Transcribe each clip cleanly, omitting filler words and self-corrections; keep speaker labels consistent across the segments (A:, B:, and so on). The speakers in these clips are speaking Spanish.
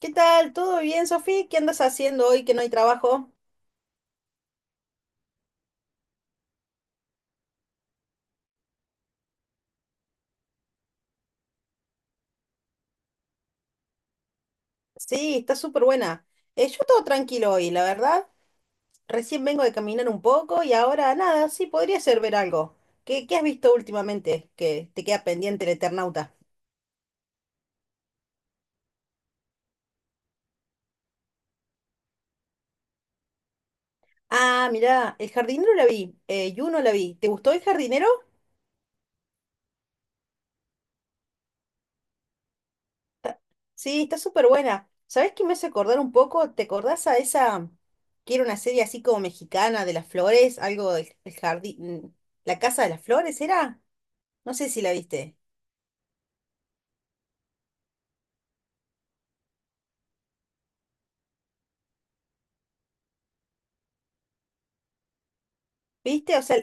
A: ¿Qué tal? ¿Todo bien, Sofía? ¿Qué andas haciendo hoy que no hay trabajo? Sí, está súper buena. Yo todo tranquilo hoy, la verdad. Recién vengo de caminar un poco y ahora nada, sí, podría ser ver algo. ¿Qué has visto últimamente que te queda pendiente el Eternauta? Ah, mirá, El Jardinero la vi, Juno la vi. ¿Te gustó El Jardinero? Sí, está súper buena. ¿Sabés qué me hace acordar un poco? ¿Te acordás a esa que era una serie así como mexicana de las flores? Algo del jardín. ¿La Casa de las Flores era? No sé si la viste. ¿Viste? O sea,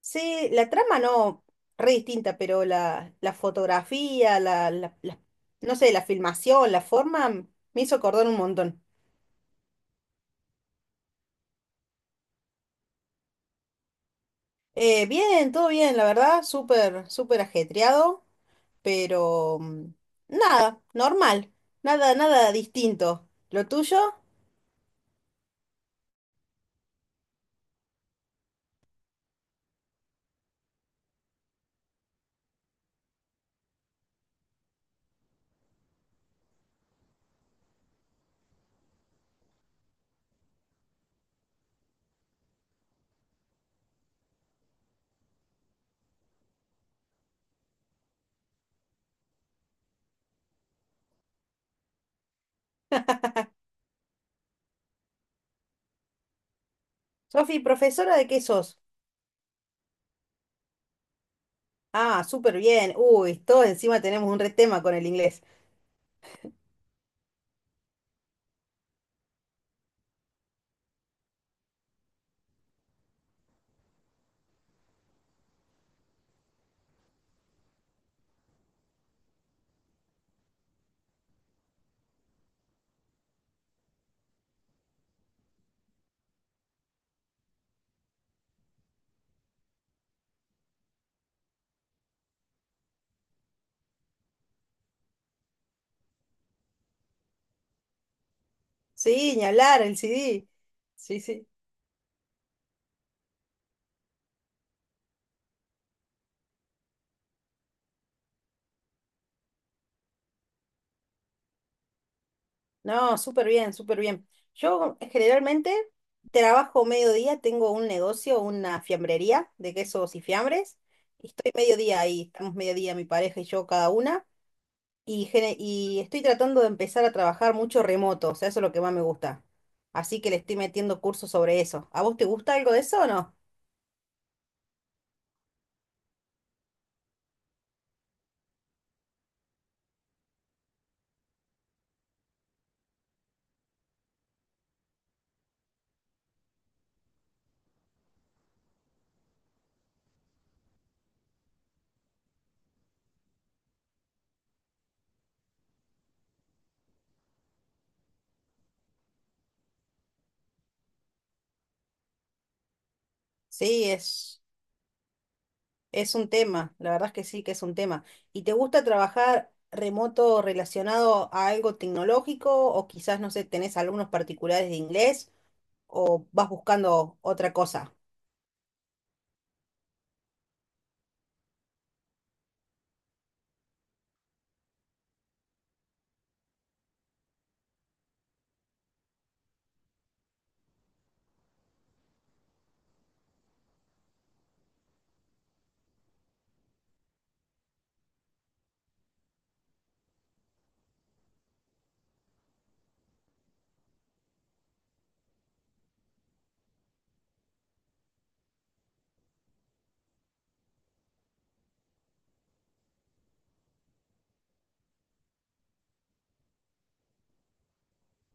A: sí, la trama no, re distinta, pero la, la fotografía, no sé, la filmación, la forma, me hizo acordar un montón. Bien, todo bien, la verdad, súper, súper ajetreado, pero nada, normal, nada, nada distinto. ¿Lo tuyo? Sofi, ¿profesora de qué sos? Ah, súper bien. Uy, todos encima tenemos un re tema con el inglés. Sí, ni hablar, el CD. Sí, sí. No, súper bien, súper bien. Yo generalmente trabajo mediodía, tengo un negocio, una fiambrería de quesos y fiambres, y estoy mediodía ahí, estamos mediodía mi pareja y yo cada una, y estoy tratando de empezar a trabajar mucho remoto, o sea, eso es lo que más me gusta. Así que le estoy metiendo cursos sobre eso. ¿A vos te gusta algo de eso o no? Sí, es... Es un tema, la verdad es que sí, que es un tema. ¿Y te gusta trabajar remoto relacionado a algo tecnológico o quizás, no sé, tenés alumnos particulares de inglés o vas buscando otra cosa?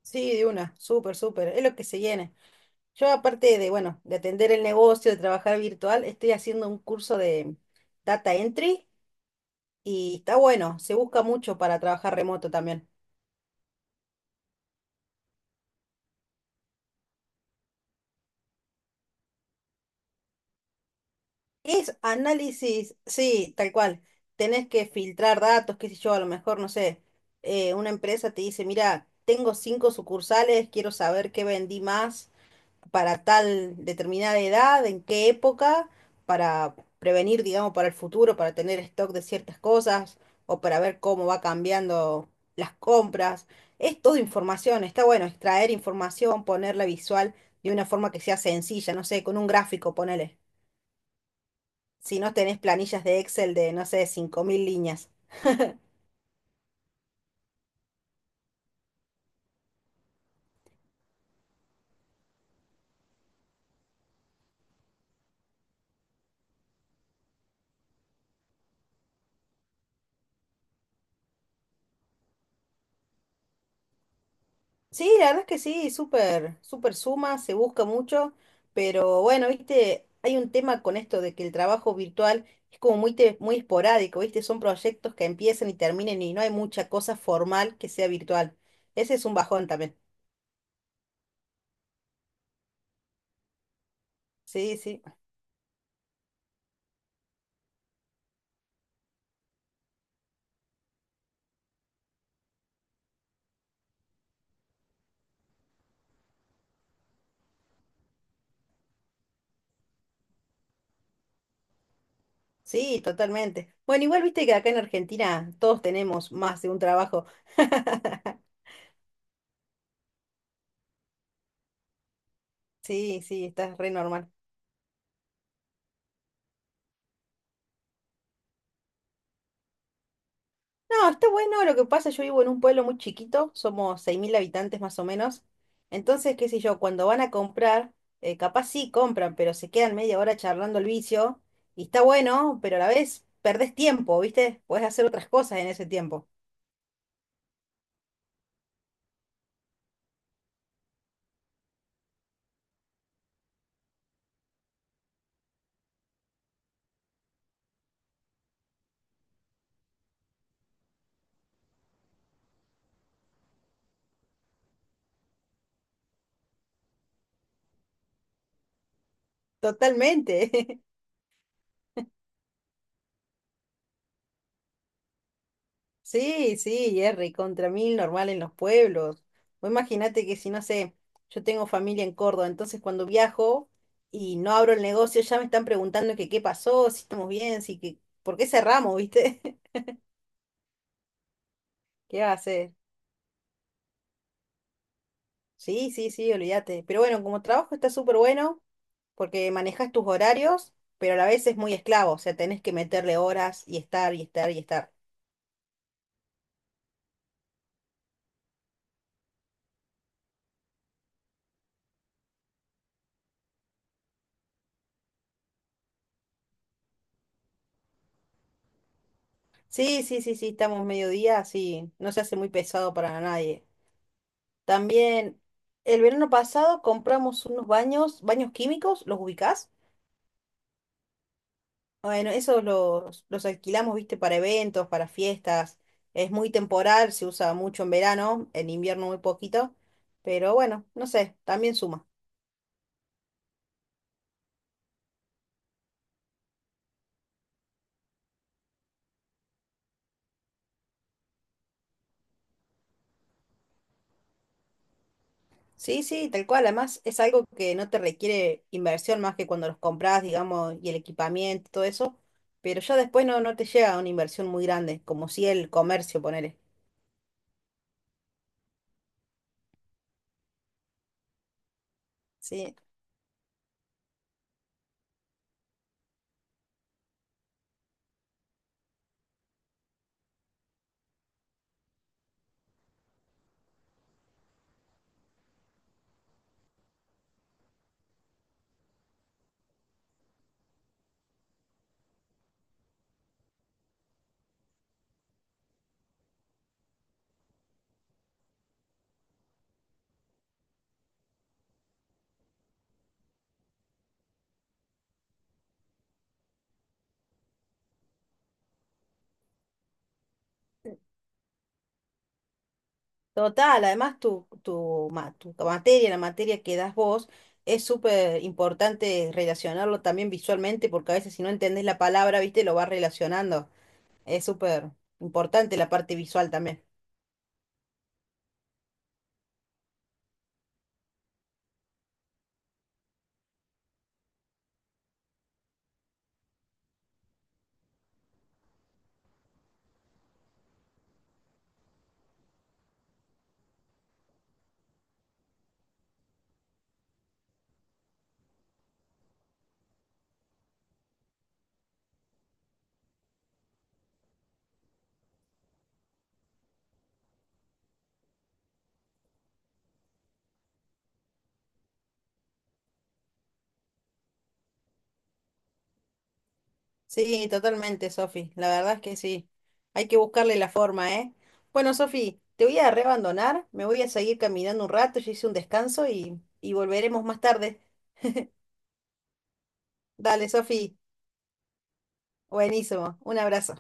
A: Sí, de una, súper, súper, es lo que se llene. Yo aparte de, bueno, de atender el negocio, de trabajar virtual, estoy haciendo un curso de data entry y está bueno, se busca mucho para trabajar remoto también. Es análisis, sí, tal cual. Tenés que filtrar datos, qué sé yo, a lo mejor, no sé, una empresa te dice, mira, tengo cinco sucursales, quiero saber qué vendí más para tal determinada edad, en qué época, para prevenir, digamos, para el futuro, para tener stock de ciertas cosas o para ver cómo va cambiando las compras. Es todo información, está bueno extraer información, ponerla visual de una forma que sea sencilla, no sé, con un gráfico, ponele si no tenés planillas de Excel de, no sé, 5.000 líneas. Sí, la verdad es que sí, súper, súper suma, se busca mucho, pero bueno, viste, hay un tema con esto de que el trabajo virtual es como muy esporádico, viste, son proyectos que empiezan y terminan y no hay mucha cosa formal que sea virtual. Ese es un bajón también. Sí, sí, sí, totalmente. Bueno, igual viste que acá en Argentina todos tenemos más de un trabajo. Sí, sí, está re normal. No, está bueno. Lo que pasa, yo vivo en un pueblo muy chiquito, somos 6.000 habitantes más o menos. Entonces, qué sé yo, cuando van a comprar, capaz sí compran, pero se quedan media hora charlando el vicio. Y está bueno, pero a la vez perdés tiempo, ¿viste? Podés hacer otras cosas en ese tiempo. Totalmente. Sí, sí, Jerry, contra mil normal en los pueblos. O imagínate que si no sé, yo tengo familia en Córdoba, entonces cuando viajo y no abro el negocio, ya me están preguntando que qué pasó, si estamos bien, si que, ¿por qué cerramos, viste? ¿Qué va a hacer? Sí, sí, sí, olvídate. Pero bueno, como trabajo está súper bueno, porque manejas tus horarios, pero a la vez es muy esclavo, o sea, tenés que meterle horas y estar y estar y estar. Sí, sí, sí, sí, estamos mediodía, sí, no se hace muy pesado para nadie. También el verano pasado compramos unos baños, baños químicos, ¿los ubicás? Bueno, esos los alquilamos, viste, para eventos, para fiestas. Es muy temporal, se usa mucho en verano, en invierno muy poquito, pero bueno, no sé, también suma. Sí, sí, tal cual. Además, es algo que no te requiere inversión más que cuando los compras, digamos, y el equipamiento, todo eso. Pero ya después no, no te llega una inversión muy grande, como si el comercio, ponele. Sí, total, además tu materia, la materia que das vos, es súper importante relacionarlo también visualmente, porque a veces si no entendés la palabra, viste, lo vas relacionando. Es súper importante la parte visual también. Sí, totalmente, Sofi. La verdad es que sí. Hay que buscarle la forma, ¿eh? Bueno, Sofi, te voy a reabandonar, me voy a seguir caminando un rato, yo hice un descanso y volveremos más tarde. Dale, Sofi, buenísimo. Un abrazo.